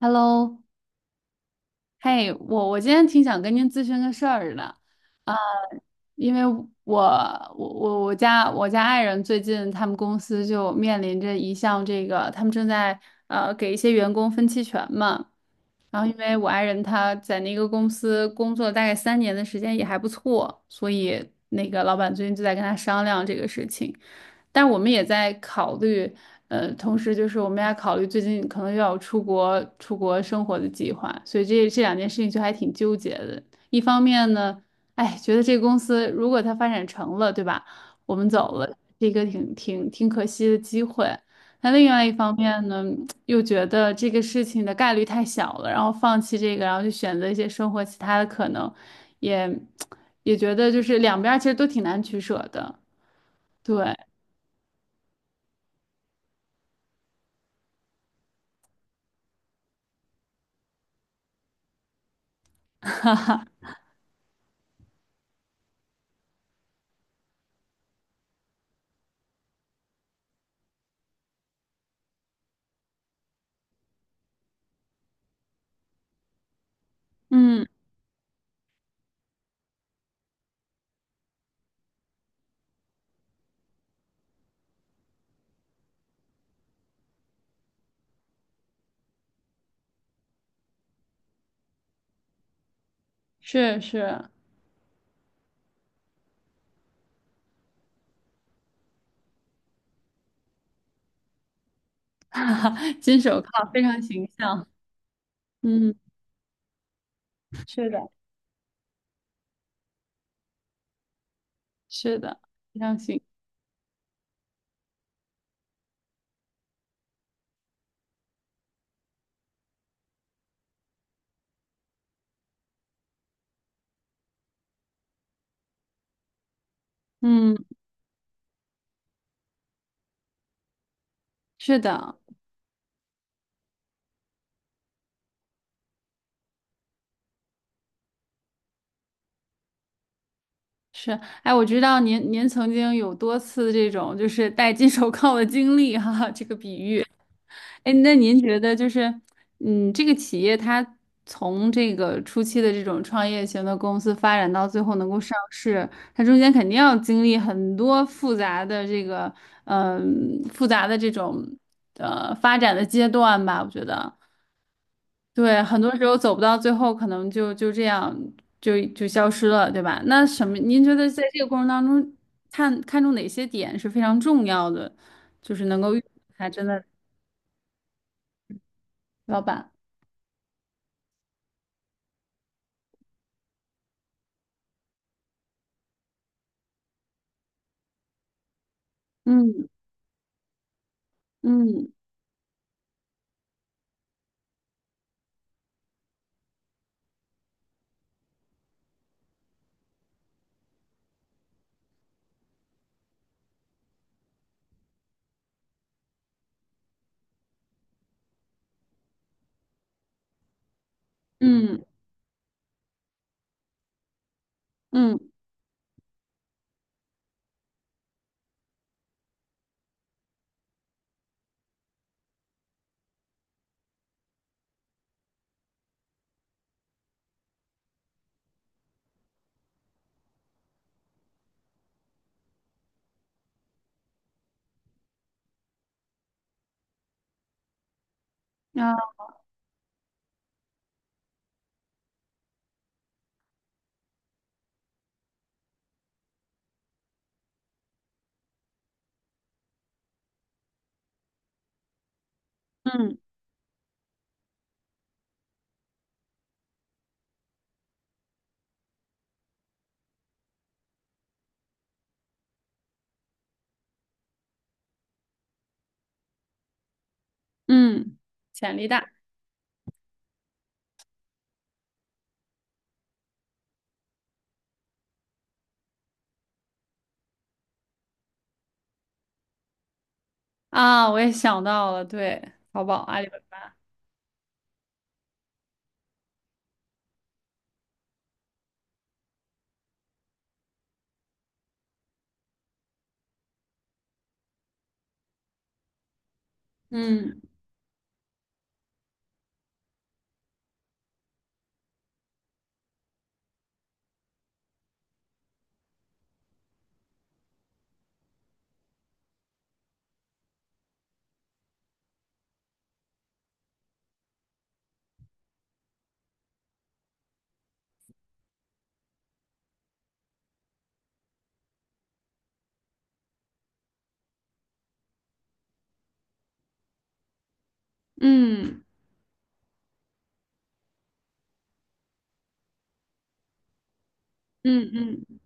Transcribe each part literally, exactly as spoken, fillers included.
Hello，嘿，我我今天挺想跟您咨询个事儿的。因为我我我我家我家爱人最近他们公司就面临着一项这个，他们正在呃给一些员工分期权嘛。然后因为我爱人他在那个公司工作大概三年的时间也还不错，所以那个老板最近就在跟他商量这个事情。但我们也在考虑，呃，同时就是我们也考虑最近可能又要出国出国生活的计划，所以这这两件事情就还挺纠结的。一方面呢。哎，觉得这个公司如果它发展成了，对吧？我们走了，是一个挺挺挺可惜的机会。那另外一方面呢，又觉得这个事情的概率太小了，然后放弃这个，然后去选择一些生活其他的可能，也也觉得就是两边儿其实都挺难取舍的。对，嗯，是是，金手铐非常形象。嗯，是的，是的，非常形，嗯，是的。是，哎，我知道您您曾经有多次这种就是戴金手铐的经历哈，这个比喻。哎，那您觉得就是，嗯，这个企业它从这个初期的这种创业型的公司发展到最后能够上市，它中间肯定要经历很多复杂的这个，嗯、复杂的这种呃发展的阶段吧，我觉得。对，很多时候走不到最后，可能就就这样就就消失了，对吧？那什么，您觉得在这个过程当中，看看中哪些点是非常重要的，就是能够遇他真的老板？嗯嗯嗯嗯啊嗯嗯，潜力大啊，我也想到了，对，淘宝、阿里巴巴，嗯嗯嗯嗯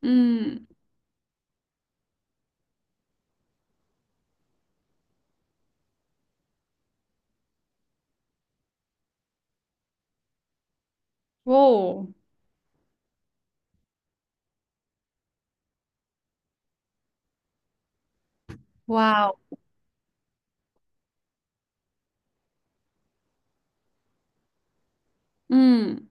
嗯，哦，哇哦，嗯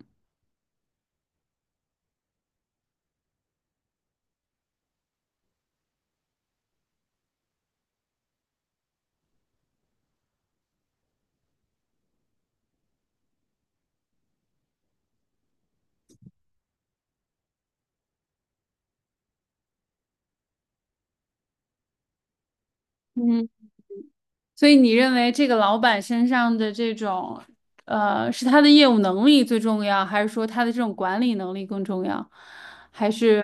嗯。所以你认为这个老板身上的这种，呃，是他的业务能力最重要，还是说他的这种管理能力更重要？还是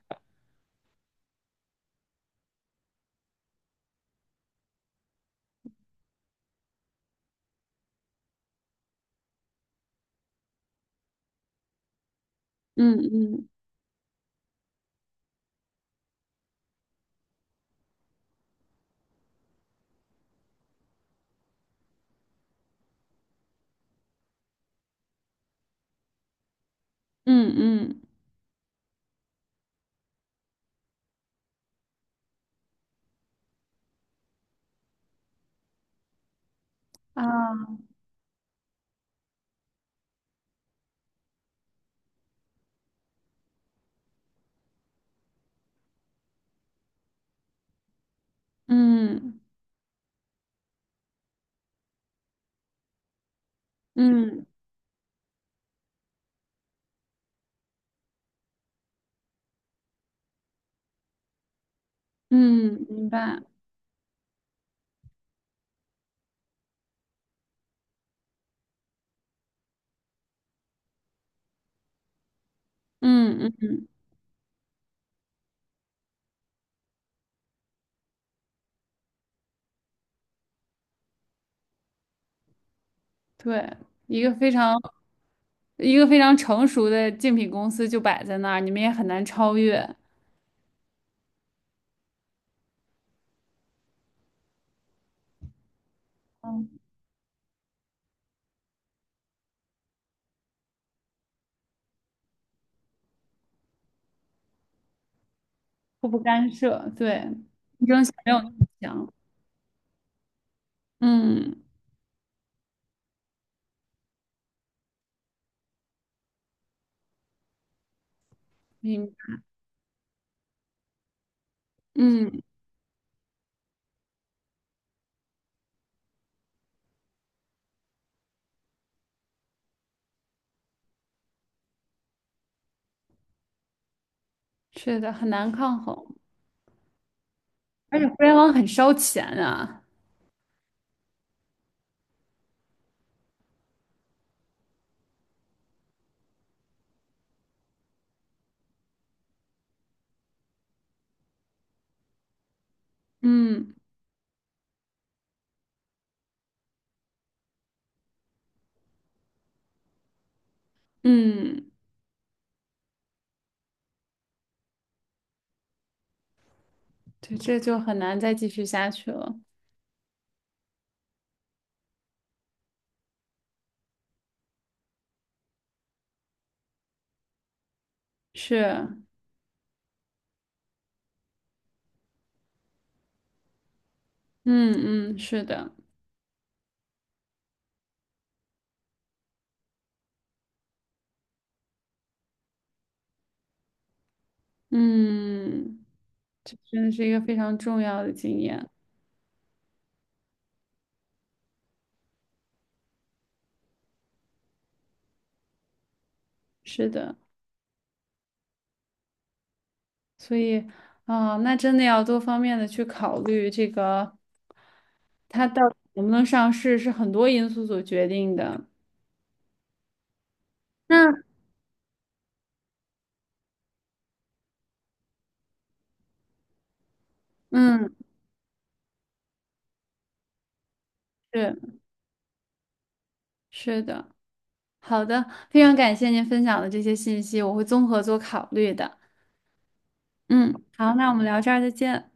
嗯嗯嗯嗯啊嗯嗯嗯，明白，嗯嗯，对，一个非常一个非常成熟的竞品公司就摆在那儿，你们也很难超越，嗯，互不干涉，对，竞争性没有那么强，嗯，明白，嗯，是的，很难抗衡。而且互联网很烧钱啊，嗯嗯，对，这就很难再继续下去了。是，嗯嗯，是的，嗯，这真的是一个非常重要的经验。是的，所以啊，那真的要多方面的去考虑这个，它到底能不能上市是很多因素所决定的。那嗯，是是的，好的，非常感谢您分享的这些信息，我会综合做考虑的。嗯，好，那我们聊这儿再见。